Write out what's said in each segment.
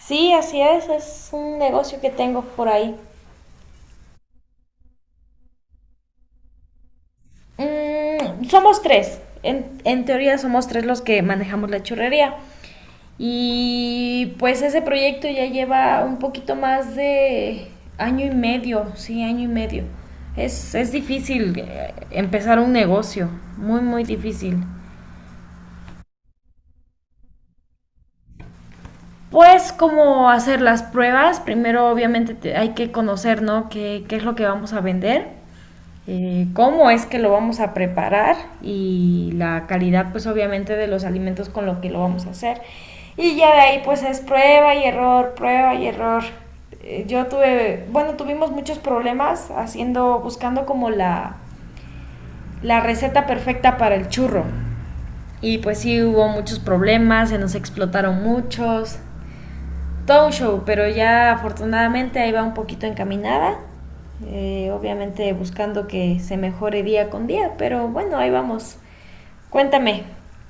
Sí, así es un negocio que tengo por ahí. Somos tres, en teoría somos tres los que manejamos la churrería. Y pues ese proyecto ya lleva un poquito más de año y medio, sí, año y medio. Es difícil empezar un negocio, muy, muy difícil. Pues cómo hacer las pruebas, primero obviamente hay que conocer, ¿no? ¿Qué es lo que vamos a vender? Cómo es que lo vamos a preparar y la calidad pues obviamente de los alimentos con lo que lo vamos a hacer. Y ya de ahí pues es prueba y error, prueba y error. Bueno, tuvimos muchos problemas haciendo, buscando como la receta perfecta para el churro. Y pues sí hubo muchos problemas, se nos explotaron muchos, todo un show, pero ya afortunadamente ahí va un poquito encaminada. Obviamente buscando que se mejore día con día, pero bueno, ahí vamos. Cuéntame,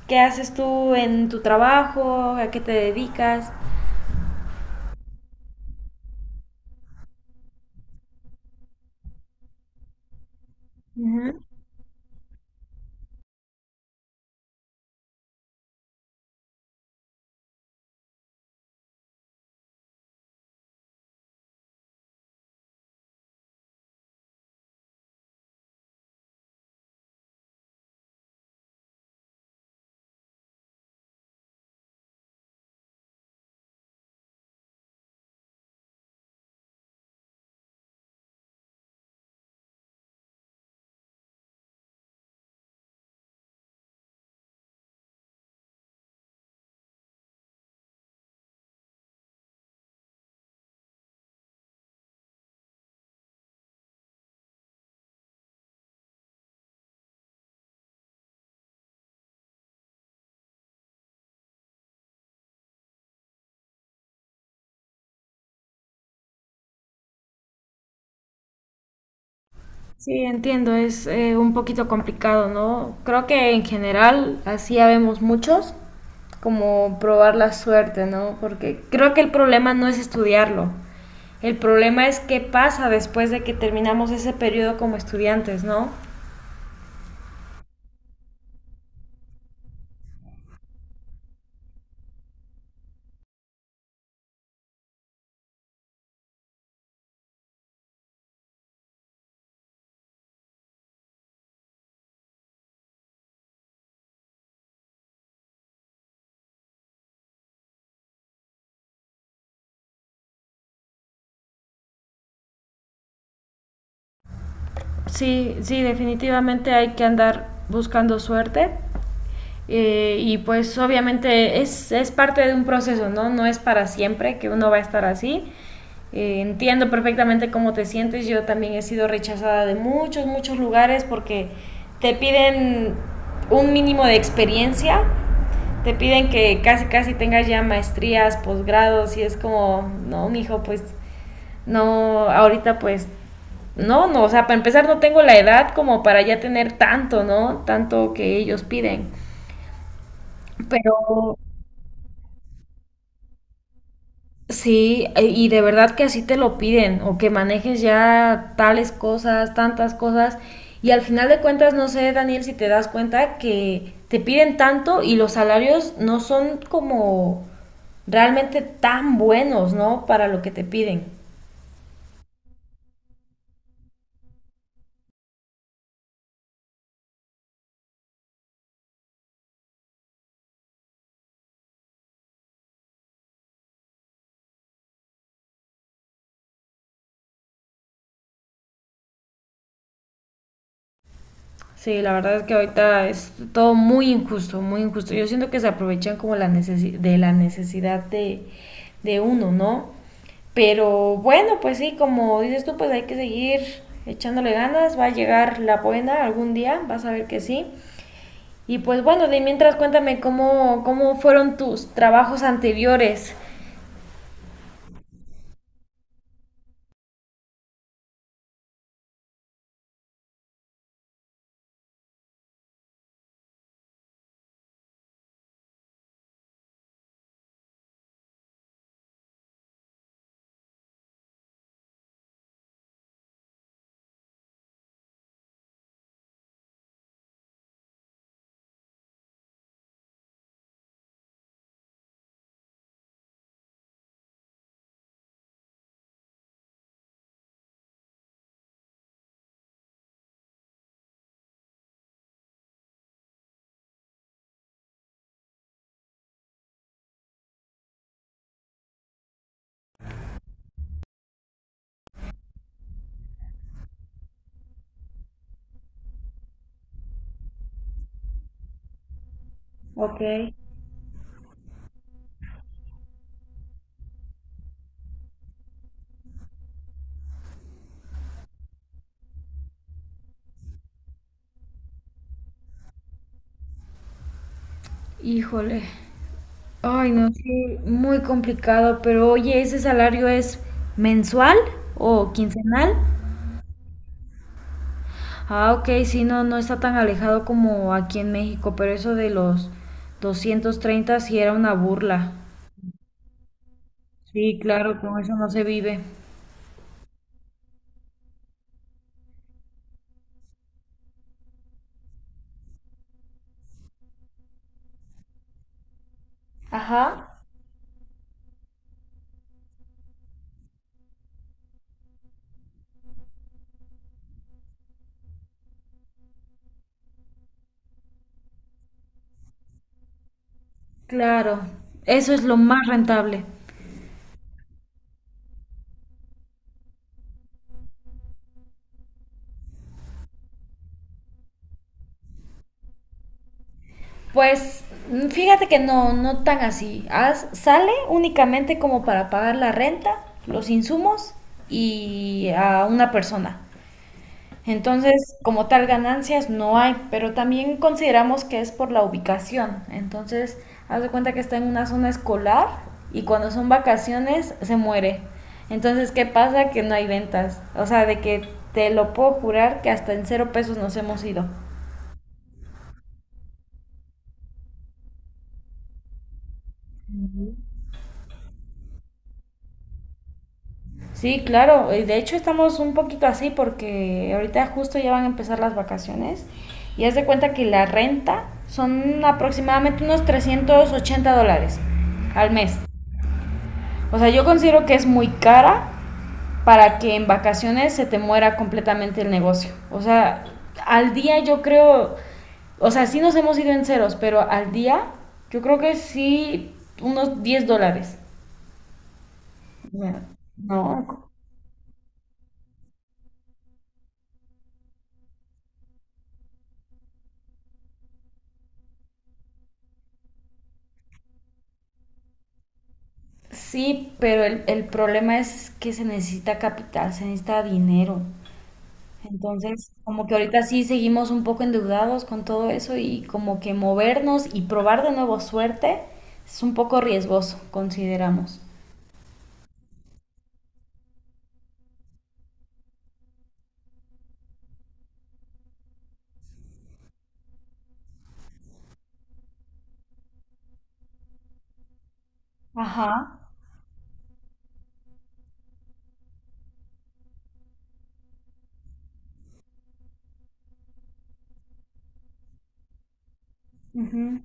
¿qué haces tú en tu trabajo? ¿A qué te dedicas? Ujú. Sí, entiendo, es un poquito complicado, ¿no? Creo que en general así ya vemos muchos, como probar la suerte, ¿no? Porque creo que el problema no es estudiarlo, el problema es qué pasa después de que terminamos ese periodo como estudiantes, ¿no? Sí, sí, definitivamente hay que andar buscando suerte. Y pues obviamente es parte de un proceso, ¿no? No es para siempre que uno va a estar así. Entiendo perfectamente cómo te sientes. Yo también he sido rechazada de muchos, muchos lugares porque te piden un mínimo de experiencia. Te piden que casi, casi tengas ya maestrías, posgrados y es como, no, mijo, pues no, ahorita pues no, no, o sea, para empezar no tengo la edad como para ya tener tanto, ¿no? Tanto que ellos piden. Pero sí, y de verdad que así te lo piden, o que manejes ya tales cosas, tantas cosas, y al final de cuentas, no sé, Daniel, si te das cuenta que te piden tanto y los salarios no son como realmente tan buenos, ¿no? Para lo que te piden. Sí, la verdad es que ahorita es todo muy injusto, muy injusto. Yo siento que se aprovechan como la de la necesidad de uno, ¿no? Pero bueno, pues sí, como dices tú, pues hay que seguir echándole ganas, va a llegar la buena algún día, vas a ver que sí. Y pues bueno, de mientras cuéntame cómo fueron tus trabajos anteriores. Ok. Híjole. Ay, no, sí, muy complicado, pero oye, ¿ese salario es mensual o quincenal? Ah, ok, sí, no, no está tan alejado como aquí en México, pero eso de los 230 sí era una burla. Sí, claro, con eso no se vive. Ajá. Claro, eso es lo más rentable. Pues fíjate que no, no tan así. Sale únicamente como para pagar la renta, los insumos y a una persona. Entonces, como tal, ganancias no hay, pero también consideramos que es por la ubicación. Entonces, haz de cuenta que está en una zona escolar y cuando son vacaciones se muere. Entonces, ¿qué pasa? Que no hay ventas. O sea, de que te lo puedo jurar que hasta en 0 pesos nos hemos ido. Ujú. Sí, claro. Y de hecho, estamos un poquito así porque ahorita justo ya van a empezar las vacaciones y haz de cuenta que la renta son aproximadamente unos 380 dólares al mes. O sea, yo considero que es muy cara para que en vacaciones se te muera completamente el negocio. O sea, al día yo creo, o sea, sí nos hemos ido en ceros, pero al día yo creo que sí unos 10 dólares. No. Sí, pero el problema es que se necesita capital, se necesita dinero. Entonces, como que ahorita sí seguimos un poco endeudados con todo eso y como que movernos y probar de nuevo suerte es un poco riesgoso, consideramos. Ajá. Ujú.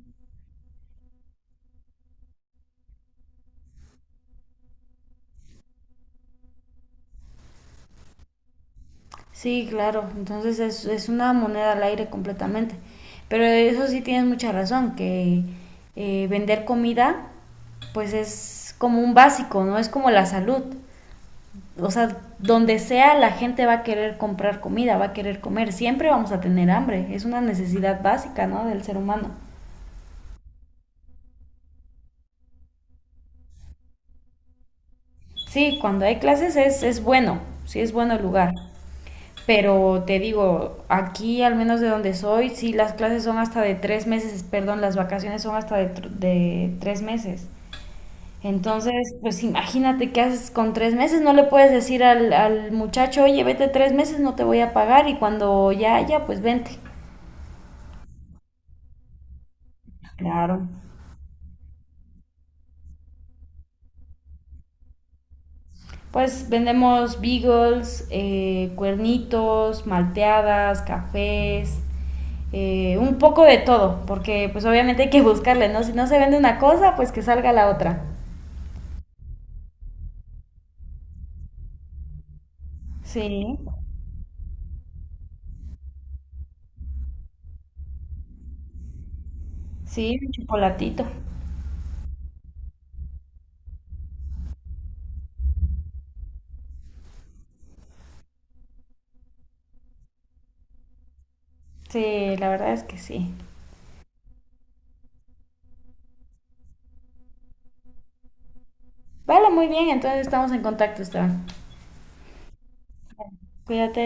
Sí, claro. Entonces es una moneda al aire completamente. Pero eso sí tienes mucha razón, que vender comida pues es como un básico, ¿no? Es como la salud. O sea, donde sea la gente va a querer comprar comida, va a querer comer, siempre vamos a tener hambre, es una necesidad básica, ¿no? Del ser humano. Sí, cuando hay clases es bueno, sí es bueno el lugar, pero te digo, aquí al menos de donde soy, sí las clases son hasta de 3 meses, perdón, las vacaciones son hasta de 3 meses. Entonces, pues imagínate qué haces con 3 meses, no le puedes decir al muchacho, oye, vete 3 meses, no te voy a pagar y cuando ya haya, pues vente. Claro. Pues vendemos beagles, cuernitos, malteadas, cafés, un poco de todo, porque pues obviamente hay que buscarle, ¿no? Si no se vende una cosa, pues que salga la otra. Sí, sí, un chocolatito. Sí, la verdad es que sí. Vale, muy bien, entonces estamos en contacto, Esteban. Cuídate.